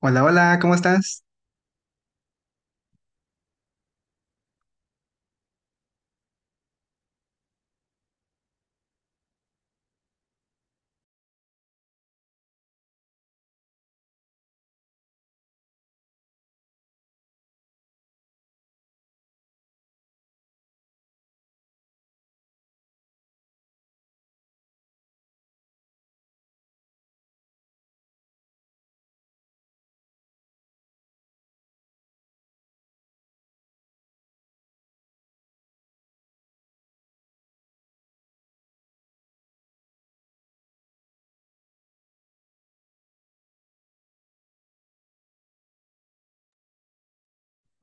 Hola, hola, ¿cómo estás?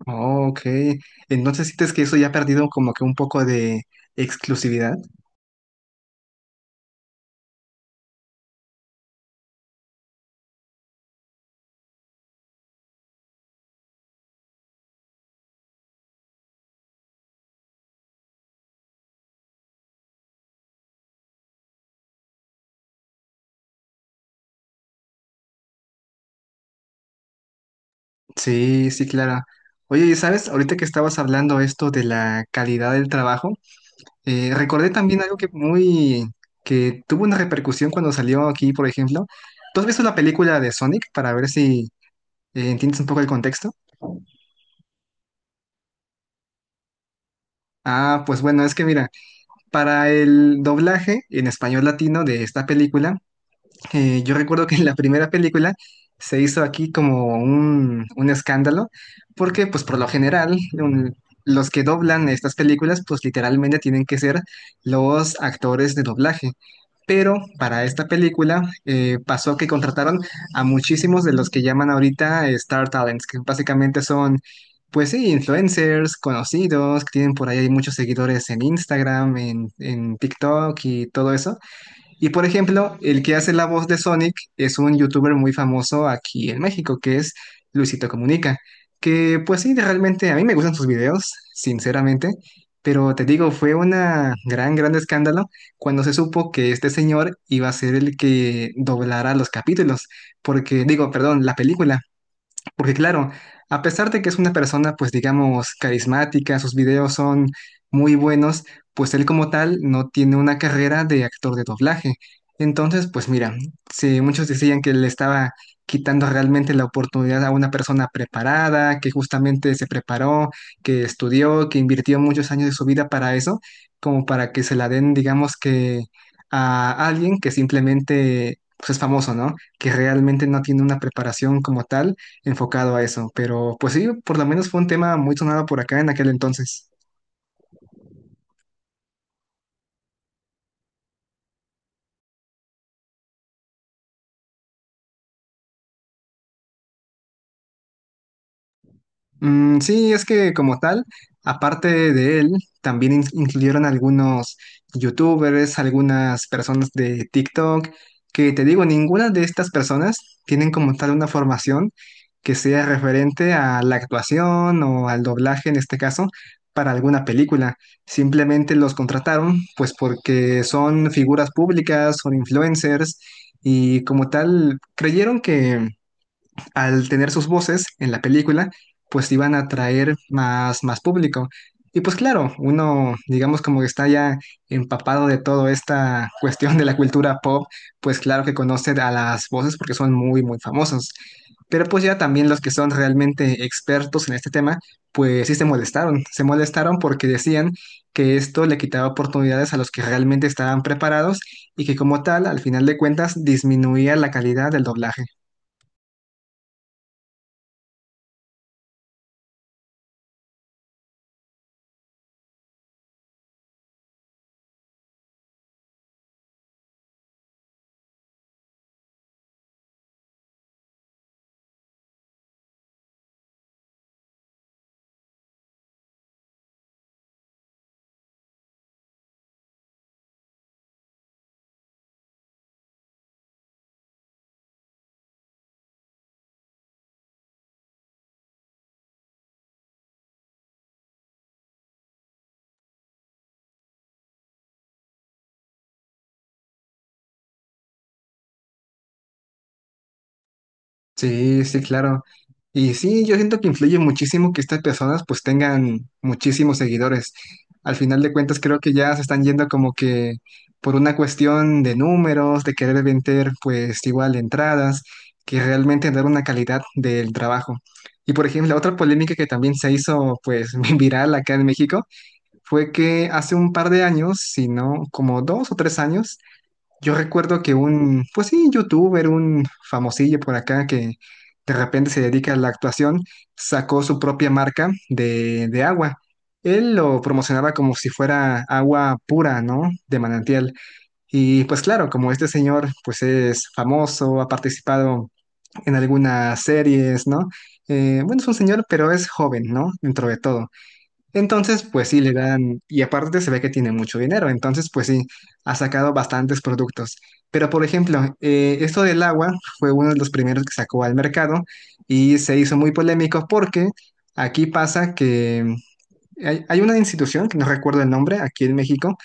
Oh, ok. Entonces, ¿sientes que eso ya ha perdido como que un poco de exclusividad? Sí, sí, claro. Oye, y sabes, ahorita que estabas hablando esto de la calidad del trabajo, recordé también algo que muy, que tuvo una repercusión cuando salió aquí, por ejemplo. ¿Tú has visto la película de Sonic para ver si entiendes un poco el contexto? Ah, pues bueno, es que mira, para el doblaje en español latino de esta película. Yo recuerdo que en la primera película se hizo aquí como un escándalo, porque pues por lo general los que doblan estas películas pues literalmente tienen que ser los actores de doblaje. Pero para esta película pasó que contrataron a muchísimos de los que llaman ahorita Star Talents, que básicamente son, pues sí, influencers conocidos, que tienen por ahí muchos seguidores en Instagram, en TikTok y todo eso. Y por ejemplo, el que hace la voz de Sonic es un youtuber muy famoso aquí en México, que es Luisito Comunica, que pues sí, realmente a mí me gustan sus videos, sinceramente, pero te digo, fue una gran, gran escándalo cuando se supo que este señor iba a ser el que doblara los capítulos, porque digo, perdón, la película, porque claro, a pesar de que es una persona, pues digamos, carismática, sus videos son muy buenos, pues él como tal no tiene una carrera de actor de doblaje. Entonces, pues mira, si muchos decían que le estaba quitando realmente la oportunidad a una persona preparada, que justamente se preparó, que estudió, que invirtió muchos años de su vida para eso, como para que se la den, digamos que a alguien que simplemente pues, es famoso, ¿no? Que realmente no tiene una preparación como tal enfocado a eso. Pero pues sí, por lo menos fue un tema muy sonado por acá en aquel entonces. Mm, sí, es que como tal, aparte de él, también incluyeron algunos youtubers, algunas personas de TikTok, que te digo, ninguna de estas personas tienen como tal una formación que sea referente a la actuación o al doblaje en este caso para alguna película. Simplemente los contrataron pues porque son figuras públicas, son influencers y como tal creyeron al tener sus voces en la película, pues iban a atraer más, más público. Y pues claro, uno, digamos como que está ya empapado de toda esta cuestión de la cultura pop, pues claro que conoce a las voces porque son muy, muy famosos. Pero pues ya también los que son realmente expertos en este tema, pues sí se molestaron. Se molestaron porque decían que esto le quitaba oportunidades a los que realmente estaban preparados y que como tal, al final de cuentas, disminuía la calidad del doblaje. Sí, sí, claro. Y sí, yo siento que influye muchísimo que estas personas pues tengan muchísimos seguidores. Al final de cuentas creo que ya se están yendo como que por una cuestión de números, de querer vender pues igual entradas, que realmente dar una calidad del trabajo. Y por ejemplo, otra polémica que también se hizo pues viral acá en México fue que hace un par de años, si no como dos o tres años, yo recuerdo que un, pues sí, youtuber, un famosillo por acá que de repente se dedica a la actuación, sacó su propia marca de agua. Él lo promocionaba como si fuera agua pura, ¿no? De manantial. Y pues claro, como este señor pues es famoso, ha participado en algunas series, ¿no? Bueno, es un señor, pero es joven, ¿no? Dentro de todo. Entonces, pues sí, le dan, y aparte se ve que tiene mucho dinero, entonces, pues sí, ha sacado bastantes productos. Pero, por ejemplo, esto del agua fue uno de los primeros que sacó al mercado y se hizo muy polémico porque aquí pasa que hay una institución, que no recuerdo el nombre, aquí en México,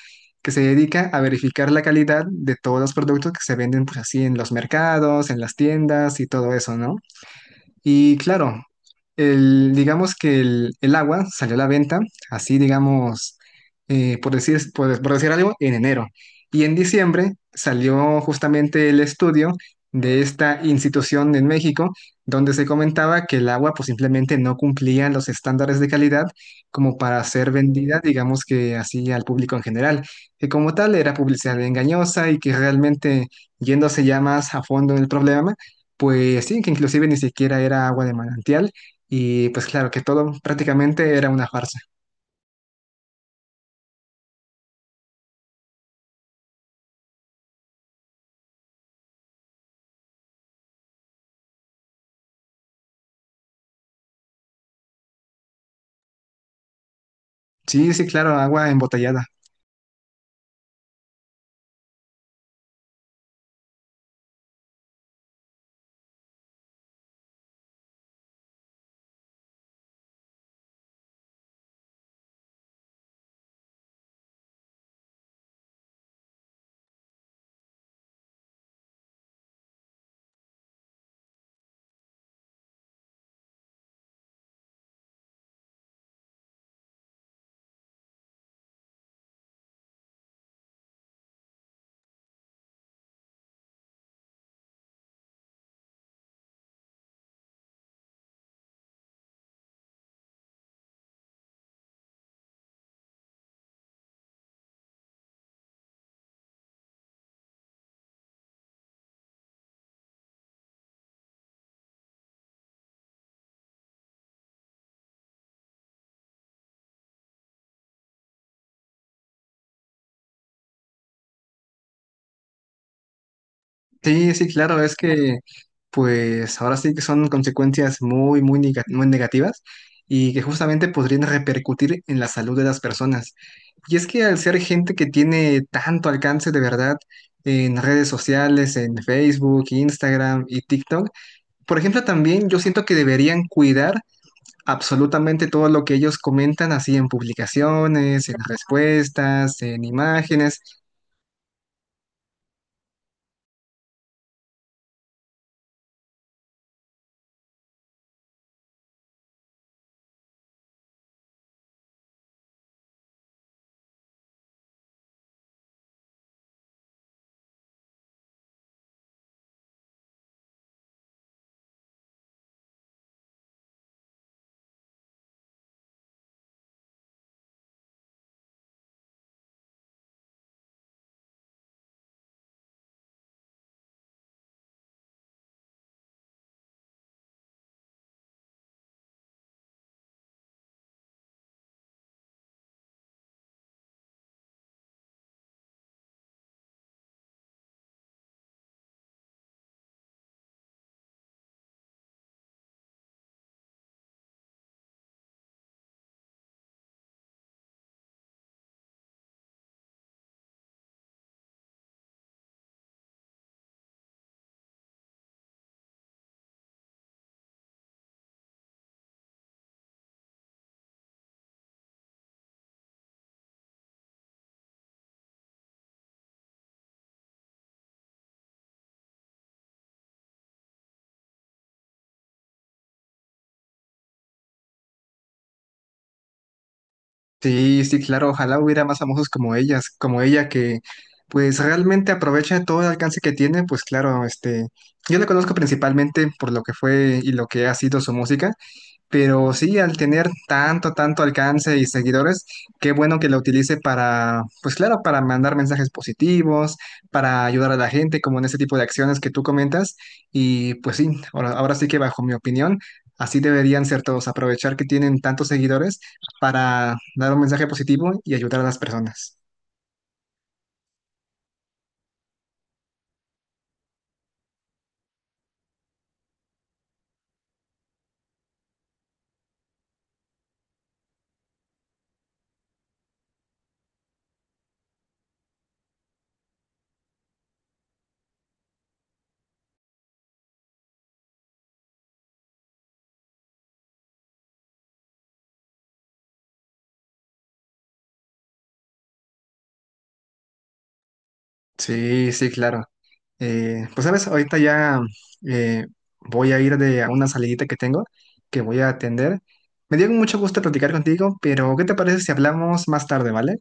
que se dedica a verificar la calidad de todos los productos que se venden, pues así, en los mercados, en las tiendas y todo eso, ¿no? Y claro, el, digamos que el agua salió a la venta, así digamos, por decir algo, en enero. Y en diciembre salió justamente el estudio de esta institución en México, donde se comentaba que el agua pues simplemente no cumplía los estándares de calidad como para ser vendida, digamos que así al público en general, que como tal era publicidad engañosa y que realmente yéndose ya más a fondo en el problema, pues sí, que inclusive ni siquiera era agua de manantial y pues claro, que todo prácticamente era una farsa. Sí, sí, claro, agua embotellada. Sí, sí, claro, es que pues ahora sí que son consecuencias muy, muy, muy negativas y que justamente podrían repercutir en la salud de las personas. Y es que al ser gente que tiene tanto alcance de verdad en redes sociales, en Facebook, Instagram y TikTok, por ejemplo, también yo siento que deberían cuidar absolutamente todo lo que ellos comentan así en publicaciones, en respuestas, en imágenes. Sí, sí, claro, ojalá hubiera más famosos como ellas, como ella que pues realmente aprovecha todo el alcance que tiene, pues claro, este, yo la conozco principalmente por lo que fue y lo que ha sido su música. Pero sí, al tener tanto, tanto alcance y seguidores, qué bueno que la utilice para, pues claro, para mandar mensajes positivos, para ayudar a la gente, como en ese tipo de acciones que tú comentas. Y pues sí, ahora, ahora sí que bajo mi opinión, así deberían ser todos, aprovechar que tienen tantos seguidores para dar un mensaje positivo y ayudar a las personas. Sí, sí, claro. Pues sabes, ahorita ya eh, voy a ir de a una salidita que tengo, que voy a atender. Me dio mucho gusto platicar contigo, pero ¿qué te parece si hablamos más tarde, vale?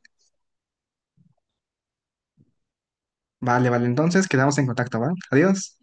Vale, vale, entonces quedamos en contacto, ¿va? Adiós.